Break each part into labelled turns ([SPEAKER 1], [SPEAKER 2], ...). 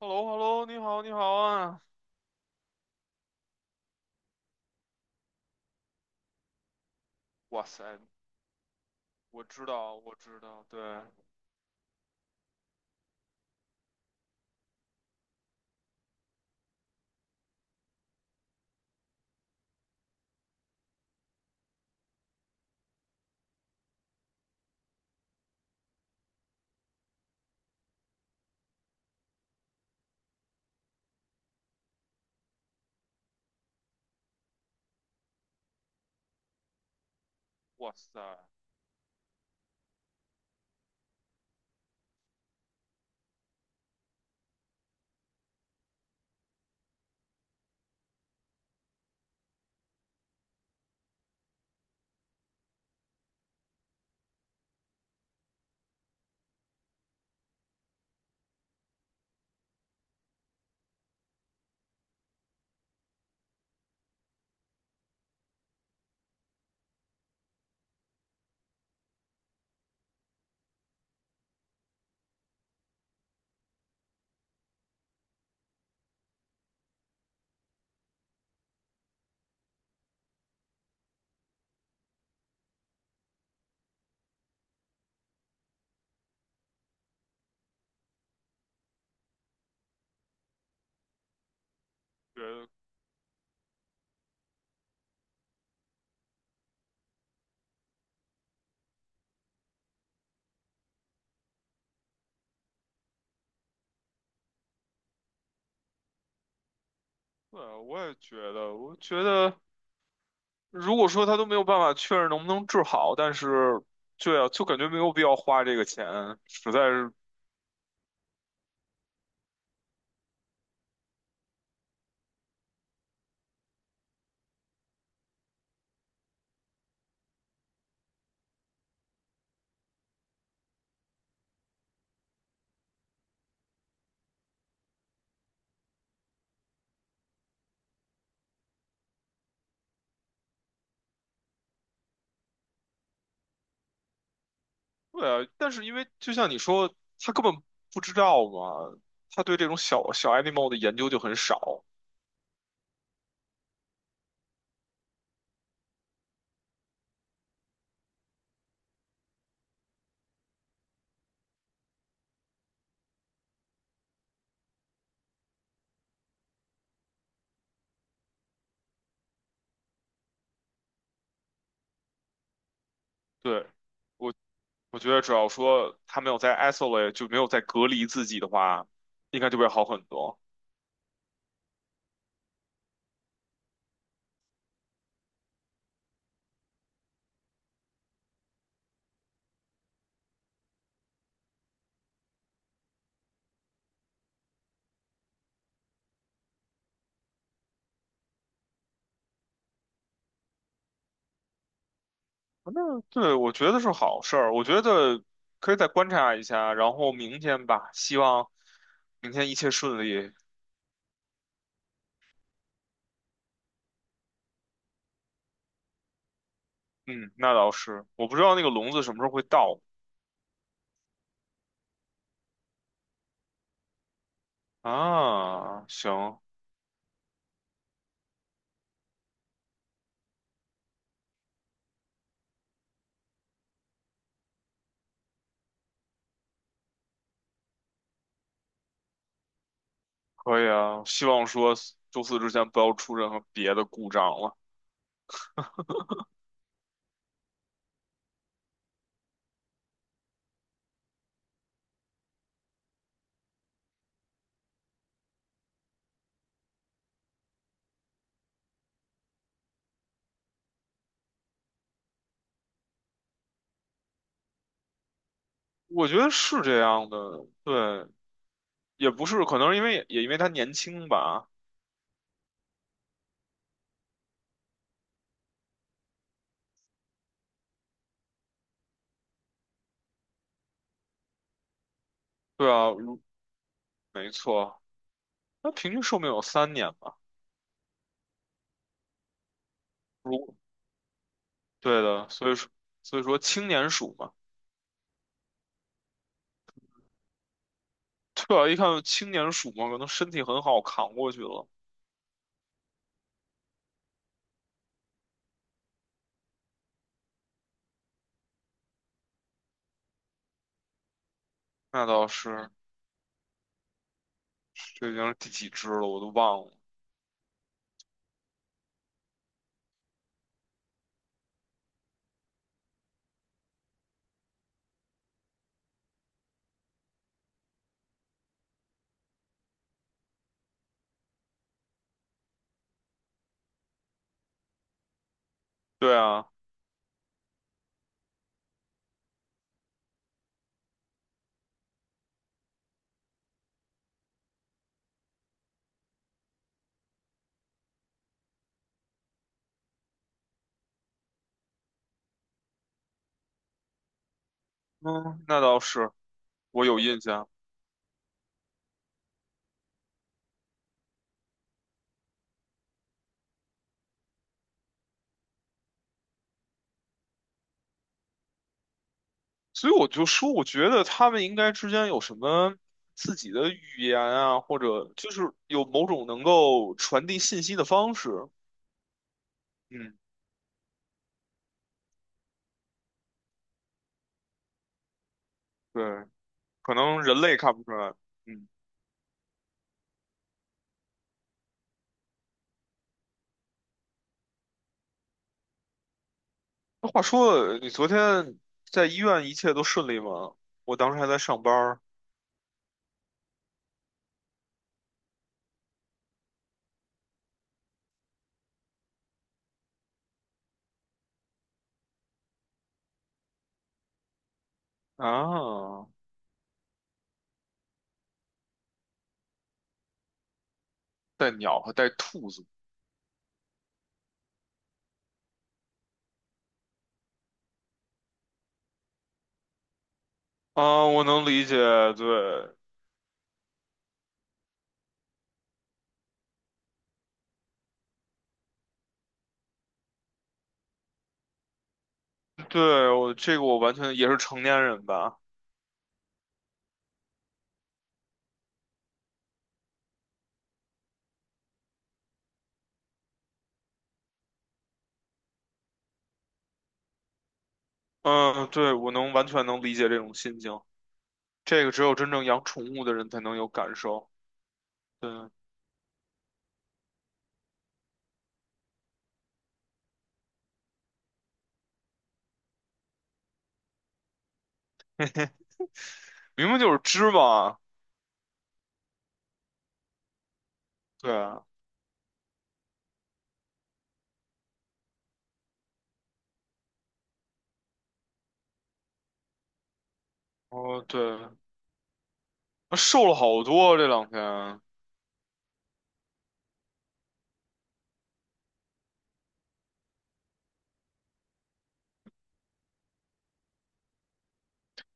[SPEAKER 1] h e l l o h e l l o 你好，你好啊！哇塞，我知道，我知道，对。哇塞。觉得。对，我也觉得，我觉得，如果说他都没有办法确认能不能治好，但是，对啊，就感觉没有必要花这个钱，实在是。对啊，但是因为就像你说，他根本不知道嘛，他对这种小小 animal 的研究就很少。对，我我觉得只要说他没有在 isolate，就没有在隔离自己的话，应该就会好很多。那对，我觉得是好事儿。我觉得可以再观察一下，然后明天吧，希望明天一切顺利。嗯，那倒是，我不知道那个笼子什么时候会到啊。行，可以啊。希望说周四之前不要出任何别的故障了。我觉得是这样的，对，也不是，可能是因为也因为他年轻吧。对啊，没错，他平均寿命有3年吧。如对的，所以说青年鼠嘛。对啊，一看就青年鼠嘛，可能身体很好，扛过去了。那倒是，这已经是第几只了，我都忘了。对啊，嗯，那倒是，我有印象。所以我就说，我觉得他们应该之间有什么自己的语言啊，或者就是有某种能够传递信息的方式。嗯，对，可能人类看不出来。嗯，那话说，你昨天在医院一切都顺利吗？我当时还在上班儿啊。带鸟和带兔子。啊，我能理解，对，对，我这个我完全也是成年人吧。嗯，对，我能完全能理解这种心情，这个只有真正养宠物的人才能有感受。对，明明就是芝麻。对啊，哦，对，他瘦了好多这两天。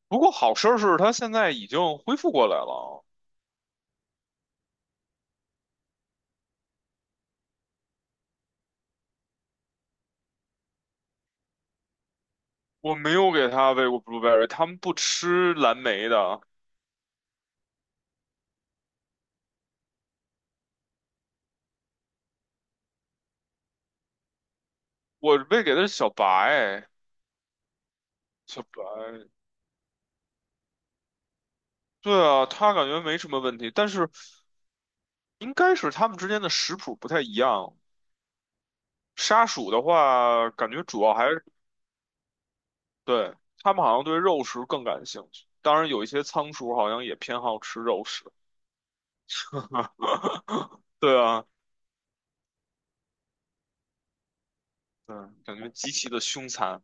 [SPEAKER 1] 不过好事儿是他现在已经恢复过来了。我没有给他喂过 blueberry，他们不吃蓝莓的，我喂给的是小白，小白。对啊，他感觉没什么问题，但是应该是他们之间的食谱不太一样。沙鼠的话，感觉主要还是对它们好像对肉食更感兴趣。当然，有一些仓鼠好像也偏好吃肉食。对啊，嗯，感觉极其的凶残。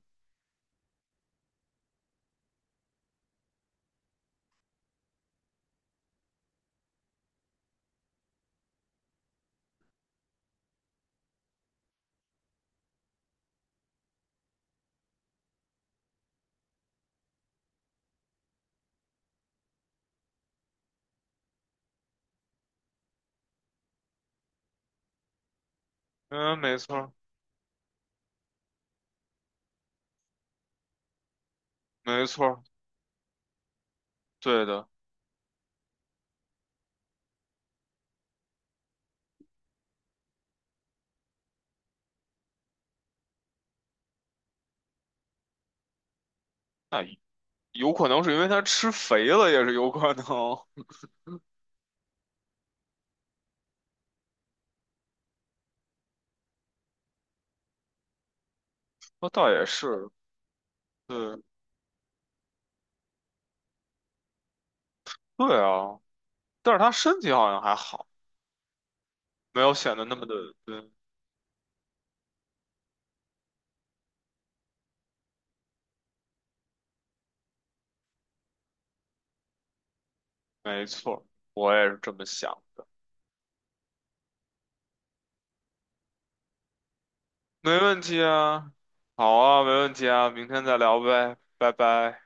[SPEAKER 1] 嗯，没错儿，没错儿，对的。那有可能是因为它吃肥了，也是有可能。那倒也是，对，对啊。但是它身体好像还好，没有显得那么的，嗯，没错儿，我也是这么想。没问题啊，好啊，没问题啊，明天再聊呗，拜拜。